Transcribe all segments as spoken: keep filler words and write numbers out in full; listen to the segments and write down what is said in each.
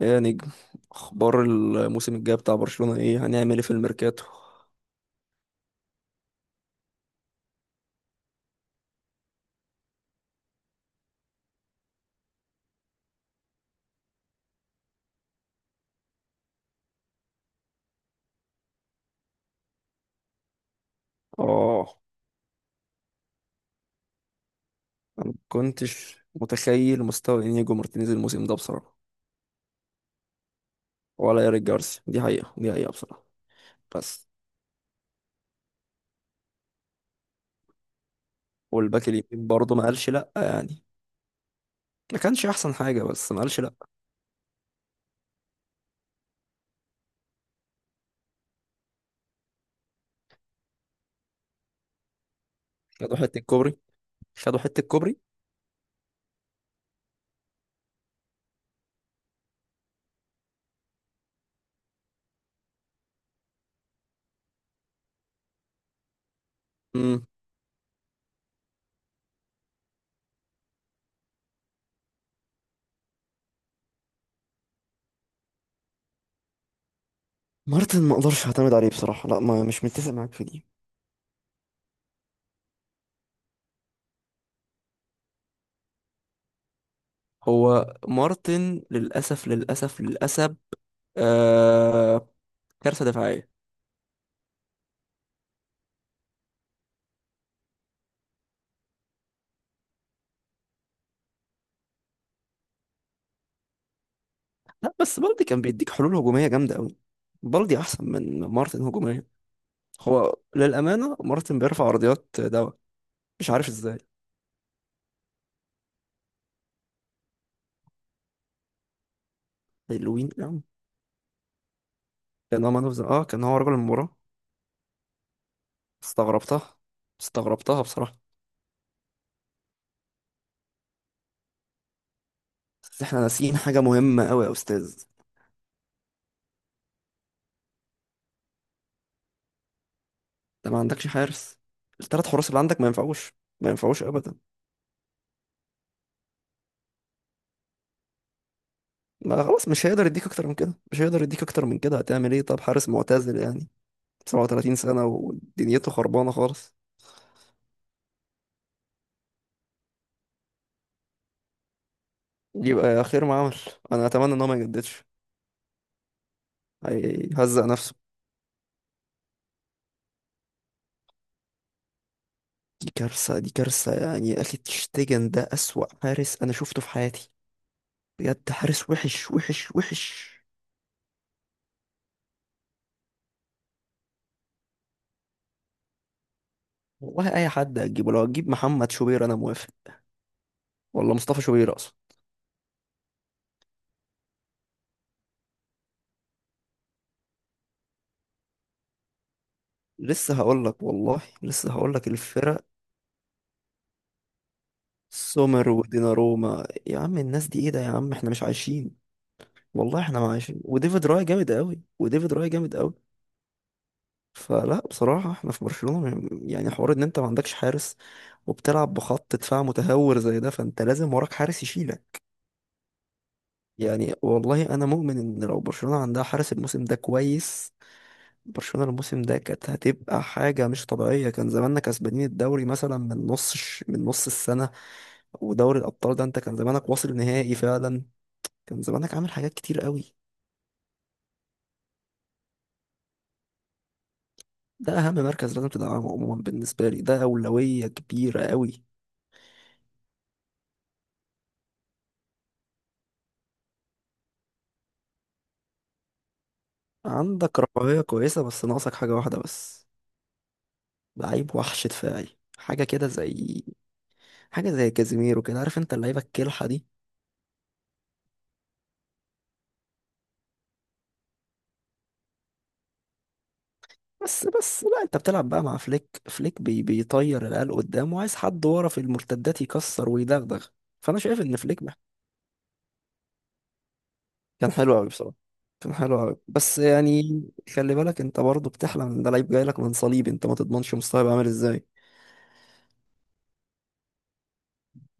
ايه يا نجم؟ اخبار الموسم الجاي بتاع برشلونة، ايه هنعمل ايه في الميركاتو؟ اه، كنتش متخيل مستوى انيجو مارتينيز الموسم ده بصراحة. ولا ايريك جارسيا، دي حقيقة دي حقيقة بصراحة. بس. والباك اليمين برضه ما قالش لا، يعني ما كانش احسن حاجة بس ما قالش لا. خدوا حتة كوبري، خدوا حتة كوبري. امم مارتن ما اقدرش اعتمد عليه بصراحة، لا، ما مش متفق معاك في دي. هو مارتن للأسف للأسف للأسف. آه. كارثة دفاعية. لا بس بالدي كان بيديك حلول هجومية جامدة قوي. بالدي أحسن من مارتن هجوميا. هو للأمانة مارتن بيرفع عرضيات دواء، مش عارف ازاي. حلوين يعني. كان هو مان أوف ذا- اه كان هو رجل المباراة. استغربتها استغربتها بصراحة. بس احنا ناسيين حاجة مهمة قوي يا أستاذ. انت ما عندكش حارس، التلات حراس اللي عندك ما ينفعوش. ما ينفعوش أبدا. ما خلاص، مش هيقدر يديك أكتر من كده، مش هيقدر يديك أكتر من كده. هتعمل ايه؟ طب حارس معتزل، يعني سبعة وثلاثين سنة ودنيته خربانة خالص. يبقى خير ما عمل. انا اتمنى ان هو ما يجددش. هيهزق نفسه. دي كارثه دي كارثه، يعني يا اخي تشتيجن ده اسوأ حارس انا شفته في حياتي. بجد حارس وحش وحش وحش. والله اي حد هتجيبه، لو هتجيب محمد شوبير انا موافق، والله مصطفى شوبير اصلا. لسه هقول لك، والله لسه هقول لك الفرق. سومر وديناروما، يا عم الناس دي ايه ده يا عم، احنا مش عايشين. والله احنا ما عايشين. وديفيد راي جامد قوي، وديفيد راي جامد قوي. فلا بصراحة احنا في برشلونة م- يعني حوار ان انت ما عندكش حارس وبتلعب بخط دفاع متهور زي ده، فانت لازم وراك حارس يشيلك. يعني والله انا مؤمن ان لو برشلونة عندها حارس الموسم ده كويس، برشلونة الموسم ده كانت هتبقى حاجة مش طبيعية. كان زماننا كسبانين الدوري مثلا من نص الش- من نص السنة. ودوري الابطال ده انت كان زمانك واصل نهائي فعلا، كان زمانك عامل حاجات كتير قوي. ده اهم مركز لازم تدعمه عموما، بالنسبة لي ده أولوية كبيرة قوي. عندك رفاهية كويسة بس ناقصك حاجة واحدة بس. لعيب وحش دفاعي، حاجة كده زي حاجة زي كازيميرو كده، عارف انت اللعيبة الكلحة دي. بس بس لا، انت بتلعب بقى مع فليك. فليك بي... بيطير العيال قدام وعايز حد ورا في المرتدات يكسر ويدغدغ. فانا شايف ان فليك مح- كان حلو قوي بصراحة، كان حلو قوي. بس يعني خلي بالك انت برضه بتحلم ان ده لعيب جاي لك من صليب، انت ما تضمنش مستواه هيبقى عامل ازاي.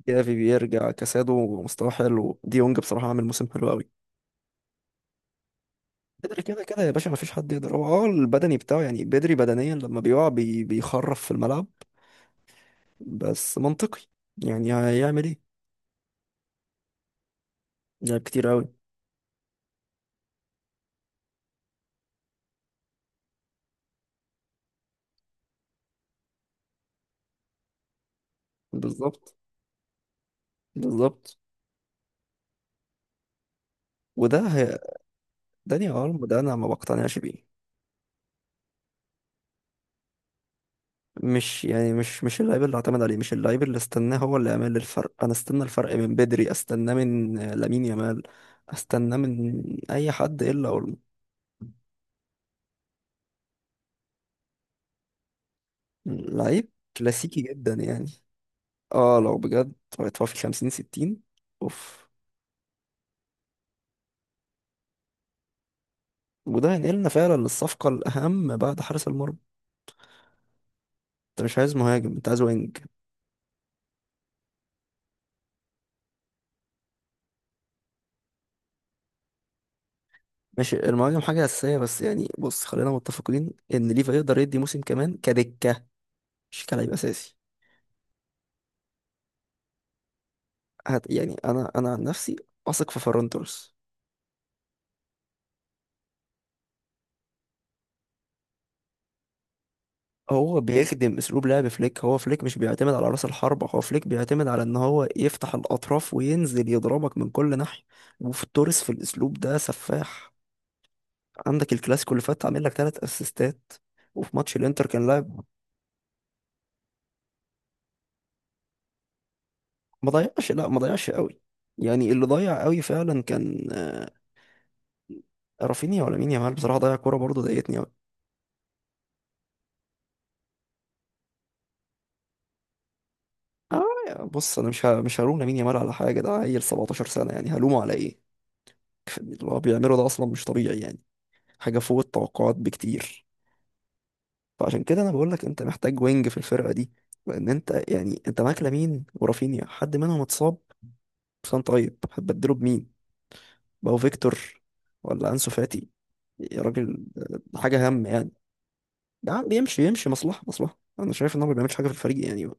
جافي بيرجع، كاسادو مستواه حلو، ديونج بصراحة عامل موسم حلو قوي. بدري كده كده يا باشا مفيش حد يقدر، هو اه البدني بتاعه، يعني بدري بدنيا لما بيقع بي بيخرف في الملعب. بس منطقي، يعني هيعمل ايه؟ لعب كتير قوي. بالظبط. بالظبط. وده هي داني ألم ده، انا ما بقتنعش بيه. مش يعني مش مش اللعيب اللي اعتمد عليه، مش اللعيب اللي استناه هو اللي يعمل الفرق. انا استنى الفرق من بدري، استناه من آه، لامين يامال، استناه من اي حد الا أولمو. لعيب كلاسيكي جدا يعني. اه لو بجد هيتوفي خمسين ستين، اوف. وده هينقلنا فعلا للصفقة الأهم بعد حارس المرمى. انت مش عايز مهاجم، انت عايز وينج. ماشي، المهاجم حاجة أساسية بس يعني بص، خلينا متفقين إن ليفا يقدر يدي موسم كمان كدكة، مش كلاعب أساسي. هت يعني أنا أنا عن نفسي أثق في فيران توريس. هو بيخدم أسلوب لعب فليك، هو فليك مش بيعتمد على رأس الحربة، هو فليك بيعتمد على إن هو يفتح الأطراف وينزل يضربك من كل ناحية. وفي توريس في الأسلوب ده سفاح. عندك الكلاسيكو اللي فات عامل لك تلات أسيستات. وفي ماتش الانتر كان لاعب. ما ضيعش، لا ما ضيعش قوي. يعني اللي ضيع قوي فعلا كان آه، رافينيا، ولا مين، يامال بصراحه ضيع كوره برضه ضايقتني قوي. اه يا- بص، انا مش ه... مش هلوم لامين يامال على حاجه، ده عيل سبعتاشر سنه يعني هلومه على ايه؟ اللي هو بيعمله ده اصلا مش طبيعي يعني، حاجه فوق التوقعات بكتير. فعشان كده انا بقول لك انت محتاج وينج في الفرقه دي، لان انت يعني انت معاك لامين ورافينيا، حد منهم اتصاب كان، طيب هتبدله بمين؟ بقى فيكتور ولا انسو فاتي؟ يا راجل ده حاجه هم يعني. ده بيمشي، يمشي يمشي، مصلحة مصلحة. أنا شايف إن هو ما بيعملش حاجة في الفريق يعني.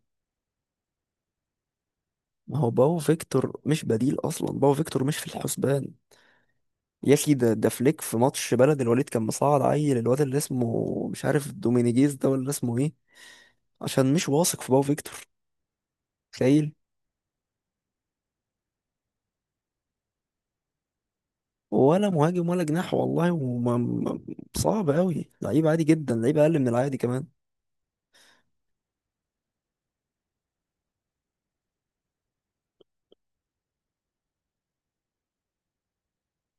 ما هو باو فيكتور مش بديل أصلا، باو فيكتور مش في الحسبان. يا أخي ده ده فليك في ماتش بلد الوليد كان مصعد عيل، الواد اللي اسمه مش عارف دومينيجيز ده ولا اسمه إيه، عشان مش واثق في باو فيكتور. تخيل. ولا مهاجم ولا جناح، والله وما ما- صعب أوي، لعيب عادي جدا، لعيب أقل من العادي كمان.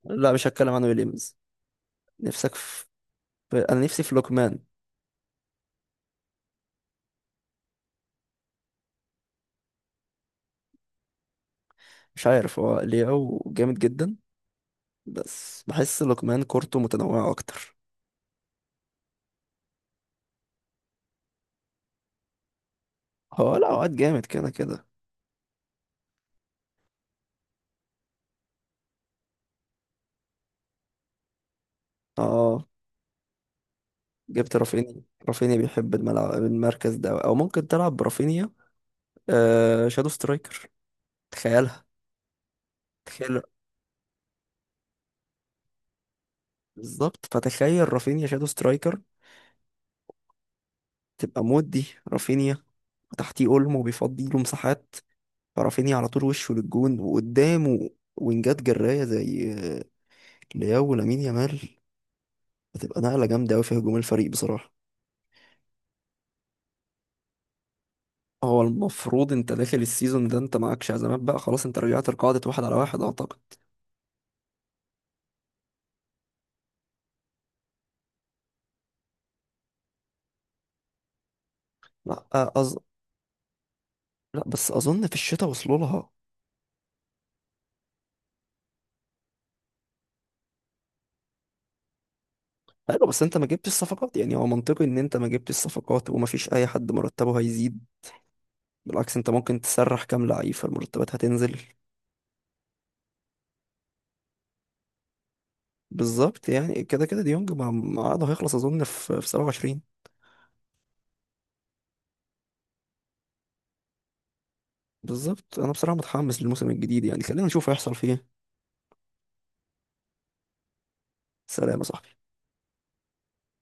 لا مش هتكلم عن ويليامز. نفسك في. في- أنا نفسي في لوكمان. مش عارف، هو لياو جامد جدا، بس بحس لقمان كورته متنوعة أكتر. هو لا وقت جامد كده كده. اه جبت رافينيا، رافينيا بيحب الملعب المركز ده، أو ممكن تلعب برافينيا آه شادو سترايكر. تخيلها. تخيل. بالظبط، فتخيل رافينيا شادو سترايكر، تبقى مود دي رافينيا، وتحتيه أولمو بيفضي له مساحات. فرافينيا على طول وشه للجون، وقدامه وينجات جراية زي آه، لياو ولامين يامال. هتبقى نقلة جامدة أوي في هجوم الفريق بصراحة. هو المفروض انت داخل السيزون ده انت معاك شهزامات بقى خلاص، انت رجعت لقاعدة واحد على واحد اعتقد. لا. أز... لا بس اظن في الشتاء وصلوا لها. ايوه، بس انت ما جبتش الصفقات، يعني هو منطقي ان انت ما جبتش الصفقات وما فيش اي حد مرتبه هيزيد. بالعكس انت ممكن تسرح كام لعيب فالمرتبات هتنزل. بالظبط، يعني كده كده ديونج مع مع عقده هيخلص اظن في في سبعة وعشرين. بالظبط، انا بصراحة متحمس للموسم الجديد، يعني خلينا نشوف هيحصل فيه إيه. سلام يا صاحبي.